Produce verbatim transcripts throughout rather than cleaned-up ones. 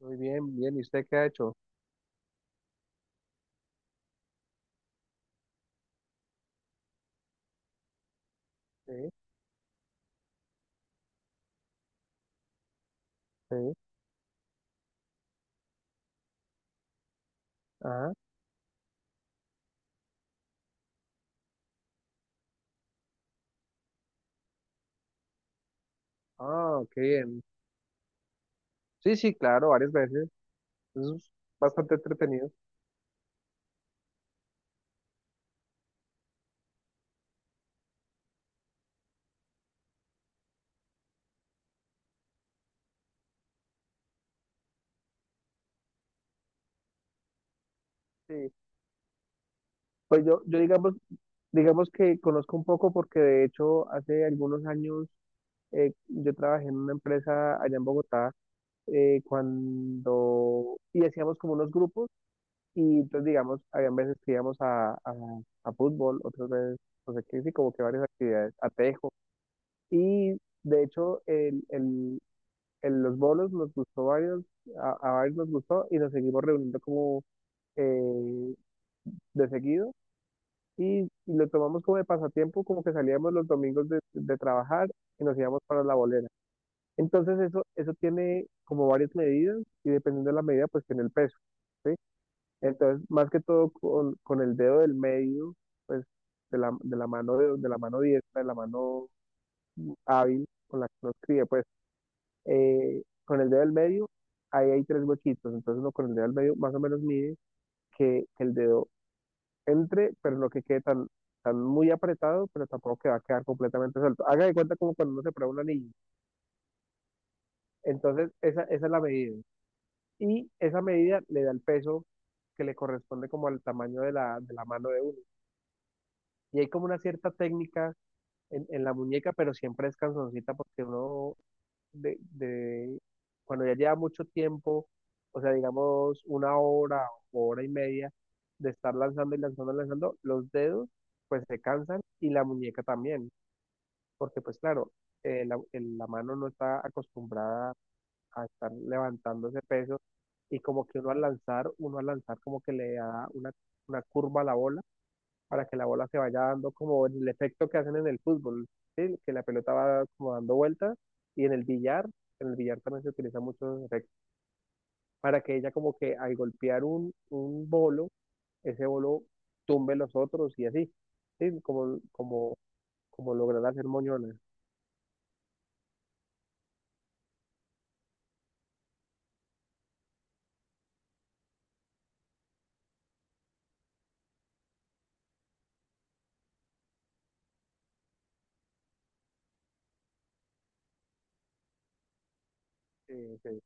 Muy bien, bien. ¿Y usted qué ha hecho? Sí, sí. Ajá. Ah, qué bien. Sí, sí, claro, varias veces. Eso es bastante entretenido. Sí. Pues yo, yo digamos, digamos que conozco un poco porque de hecho hace algunos años eh, yo trabajé en una empresa allá en Bogotá eh, cuando y hacíamos como unos grupos y entonces digamos, habían veces que íbamos a, a, a fútbol, otras veces, no sé qué, sí, como que varias actividades, a tejo. Y de hecho, el, el en los bolos nos gustó varios, a, a varios nos gustó y nos seguimos reuniendo como eh, de seguido y, y lo tomamos como de pasatiempo, como que salíamos los domingos de, de trabajar y nos íbamos para la bolera. Entonces eso, eso tiene como varias medidas y dependiendo de la medida pues tiene el peso, ¿sí? Entonces más que todo con, con el dedo del medio, pues de la, de la mano, de, de la mano diestra, de la mano hábil con la que nos críe, pues eh, con el dedo del medio, ahí hay tres huequitos, entonces uno con el dedo del medio más o menos mide que, que el dedo entre, pero no que quede tan, tan muy apretado, pero tampoco que va a quedar completamente suelto. Haga de cuenta como cuando uno se prueba un anillo. Entonces, esa, esa es la medida. Y esa medida le da el peso que le corresponde como al tamaño de la, de la mano de uno. Y hay como una cierta técnica en, en la muñeca, pero siempre es canzoncita porque uno de, de cuando ya lleva mucho tiempo, o sea, digamos una hora o hora y media de estar lanzando y lanzando y lanzando, los dedos pues se cansan y la muñeca también, porque pues claro, eh, la, el- la mano no está acostumbrada a estar levantando ese peso y como que uno al lanzar, uno al lanzar como que le da una, una curva a la bola para que la bola se vaya dando como el efecto que hacen en el fútbol, ¿sí? Que la pelota va como dando vueltas y en el billar, en el billar también se utilizan muchos efectos para que ella como que al golpear un, un bolo, ese bolo tumbe los otros y así, ¿sí? Como, como, como lograr hacer moñones. Sí, sí,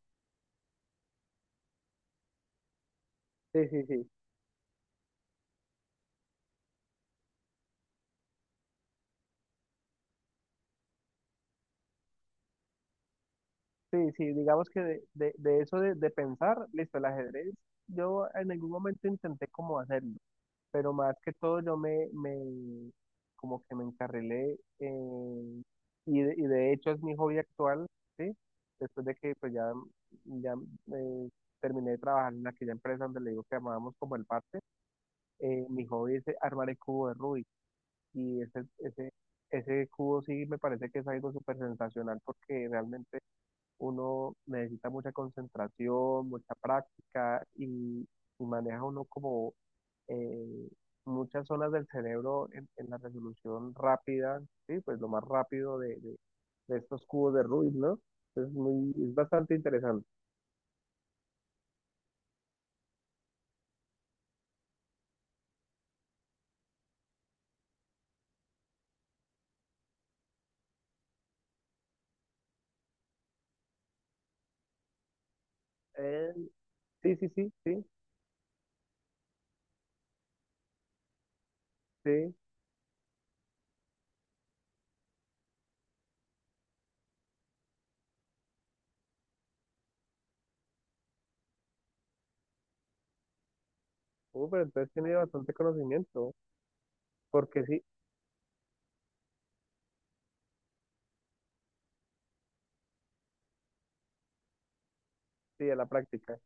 sí, sí, sí, sí, sí, digamos que de, de, de eso de, de pensar, listo, el ajedrez, yo en algún momento intenté como hacerlo, pero más que todo yo me, me como que me encarrilé en- y, de, y de hecho es mi hobby actual, ¿sí? Después de que pues ya, ya eh, terminé de trabajar en aquella empresa donde le digo que amábamos como el parte, eh, mi hobby es armar el cubo de Rubik y ese, ese, ese cubo sí me parece que es algo súper sensacional porque realmente uno necesita mucha concentración, mucha práctica y, y maneja uno como eh, muchas zonas del cerebro en, en la resolución rápida, ¿sí? Pues lo más rápido de, de- de estos cubos de Rubik, ¿no? Es muy, es bastante interesante. Eh, sí, sí, sí, sí, sí. Uh, pero entonces tiene bastante conocimiento, porque sí, sí, a la práctica.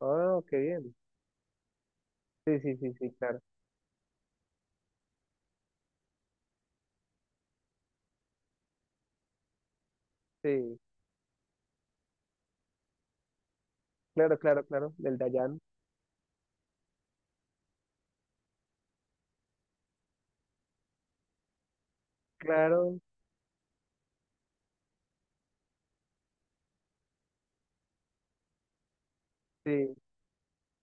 Ah, qué bien. Sí, sí, sí, sí, claro. Sí, claro, claro, claro. Del Dayan. Claro, sí.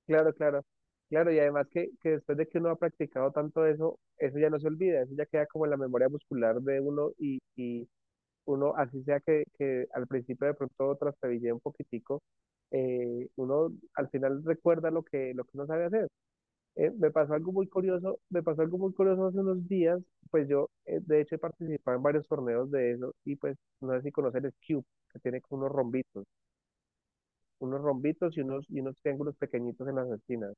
Claro, claro, claro, y además que, que después de que uno ha practicado tanto eso, eso ya no se olvida, eso ya queda como en la memoria muscular de uno y, y uno, así sea que, que al principio de pronto trastabillea un poquitico, eh, uno al final recuerda lo que, lo que uno sabe hacer. Eh, me pasó algo muy curioso, me pasó algo muy curioso hace unos días, pues yo eh, de hecho he participado en varios torneos de eso y pues no sé si conocer el cube, que tiene como unos rombitos, unos rombitos y unos, y unos triángulos pequeñitos en las esquinas.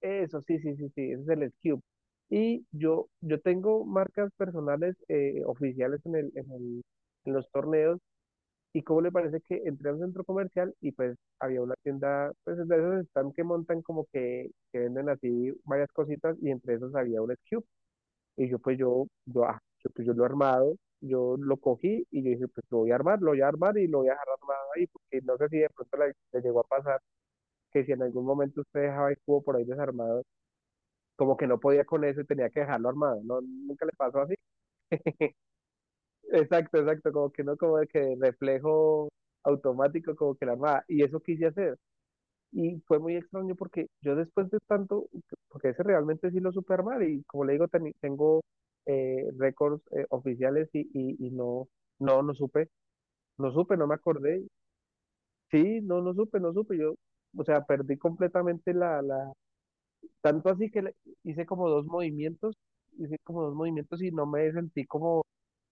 Eso, sí, sí, sí, sí, ese es el Cube. Y yo, yo tengo marcas personales eh, oficiales en el, en el- en los torneos. ¿Y cómo le parece que entré a un centro comercial y pues había una tienda, pues de esos están que montan como que, que venden así varias cositas y entre esos había un Cube. Y yo pues yo, yo, ah, yo, pues, yo lo he armado, yo lo cogí y yo dije pues lo voy a armar, lo voy a armar y lo voy a dejar armado ahí porque no sé si de pronto le, le llegó a pasar que si en algún momento usted dejaba el cubo por ahí desarmado como que no podía con eso y tenía que dejarlo armado. No, nunca le pasó así. Exacto, exacto, como que no, como de que reflejo automático, como que la armaba. Y eso quise hacer. Y fue muy extraño porque yo después de tanto, porque ese realmente sí lo supe armar y como le digo, teni- tengo eh, récords eh, oficiales y, y, y no, no, no supe, no supe, no me acordé. Sí, no, no supe, no supe. Yo, o sea, perdí completamente la, la, tanto así que le- hice como dos movimientos, hice como dos movimientos y no me sentí como,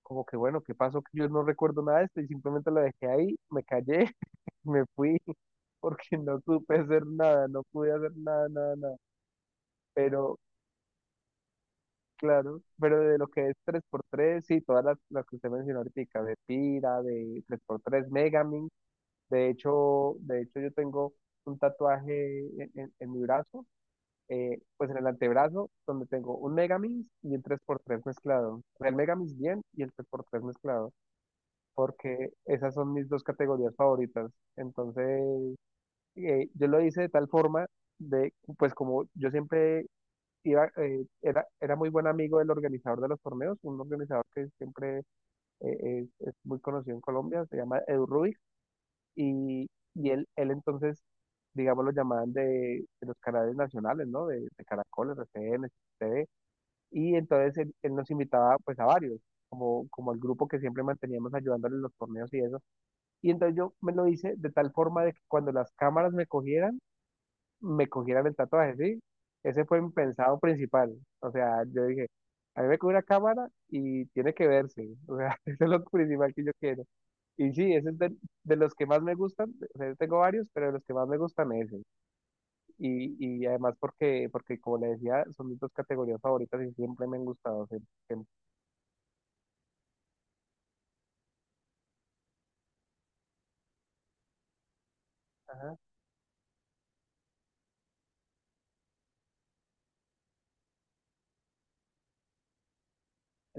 como que bueno, ¿qué pasó? Que yo no recuerdo nada de esto y simplemente lo dejé ahí, me callé, me fui, porque no supe hacer nada, no pude hacer nada, nada, nada. Pero, claro, pero de lo que es tres por tres sí, todas las, las que usted mencionó ahorita, de Pira, de tres por tres Megamin, de hecho, de hecho yo tengo un tatuaje en en- en mi brazo eh, pues en el antebrazo, donde tengo un Megamix y un tres por tres mezclado. El Megamix bien y el tres por tres mezclado, porque esas son mis dos categorías favoritas. Entonces, eh, yo lo hice de tal forma de, pues como yo siempre iba, eh, era, era muy buen amigo del organizador de los torneos, un organizador que siempre eh, es, es muy conocido en Colombia, se llama Edu Ruiz y, y él, él entonces, digamos, lo llamaban de, de los canales nacionales, ¿no? De, de Caracol, R C N, T V. Y entonces él, él nos invitaba pues a varios, como, como el grupo que siempre manteníamos ayudándole en los torneos y eso. Y entonces yo me lo hice de tal forma de que cuando las cámaras me cogieran, me cogieran el tatuaje, ¿sí? Ese fue mi pensado principal. O sea, yo dije, a mí me coge una cámara y tiene que verse. O sea, eso es lo principal que yo quiero. Y sí, ese es de, de los que más me gustan, o sea, yo tengo varios, pero de los que más me gustan es ese. Y, y además porque, porque como le decía, son mis dos categorías favoritas y siempre me han gustado. Siempre- siempre. Ajá,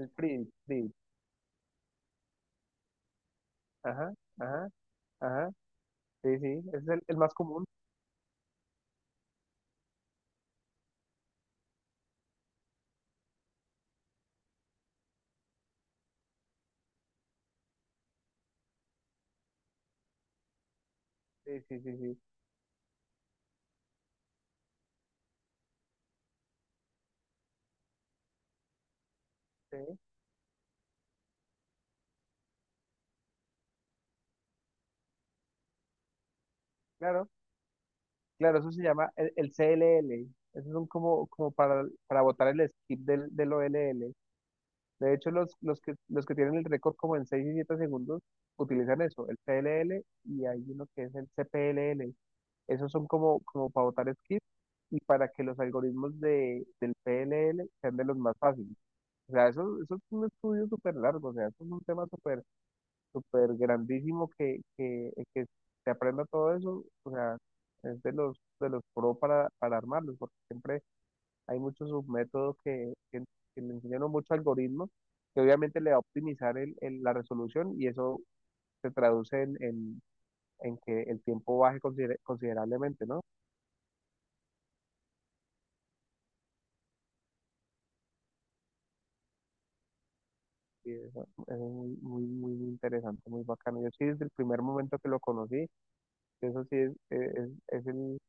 el free, free. Ajá, ajá, ajá. Sí, sí, ese es el, el más común. Sí, sí, sí, sí. Sí, claro, claro, eso se llama el, el c l l. Eso son como, como para, para botar el skip del, del o l l. De hecho, los, los que, los que tienen el récord como en seis y siete segundos utilizan eso, el P L L y hay uno que es el C P L L. Esos son como, como para botar skip y para que los algoritmos de, del P L L sean de los más fáciles. O sea, eso, eso es un estudio súper largo, o sea, eso es un tema súper súper grandísimo que, que, que se aprenda todo eso. O sea, es de los, de los pro para, para armarlos, porque siempre hay muchos submétodos que, que, que le enseñan muchos algoritmos que obviamente le va a optimizar el- el- la resolución y eso se traduce en, en- en que el tiempo baje considera- considerablemente, ¿no? Y eso es muy, muy, muy interesante, muy bacano. Yo sí, desde el primer momento que lo conocí, eso sí es, es, es el,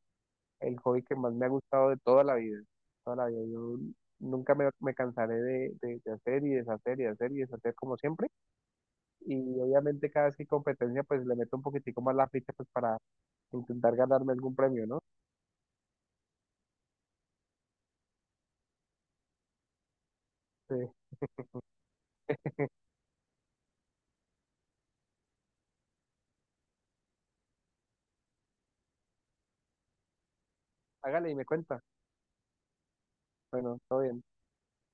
el hobby que más me ha gustado de toda la vida. Toda la vida. Yo nunca me, me cansaré de, de de hacer y deshacer y hacer y deshacer como siempre y obviamente cada vez que hay competencia pues le meto un poquitico más la ficha pues para intentar ganarme algún premio, ¿no? Sí, hágale y me cuenta. Bueno, todo bien.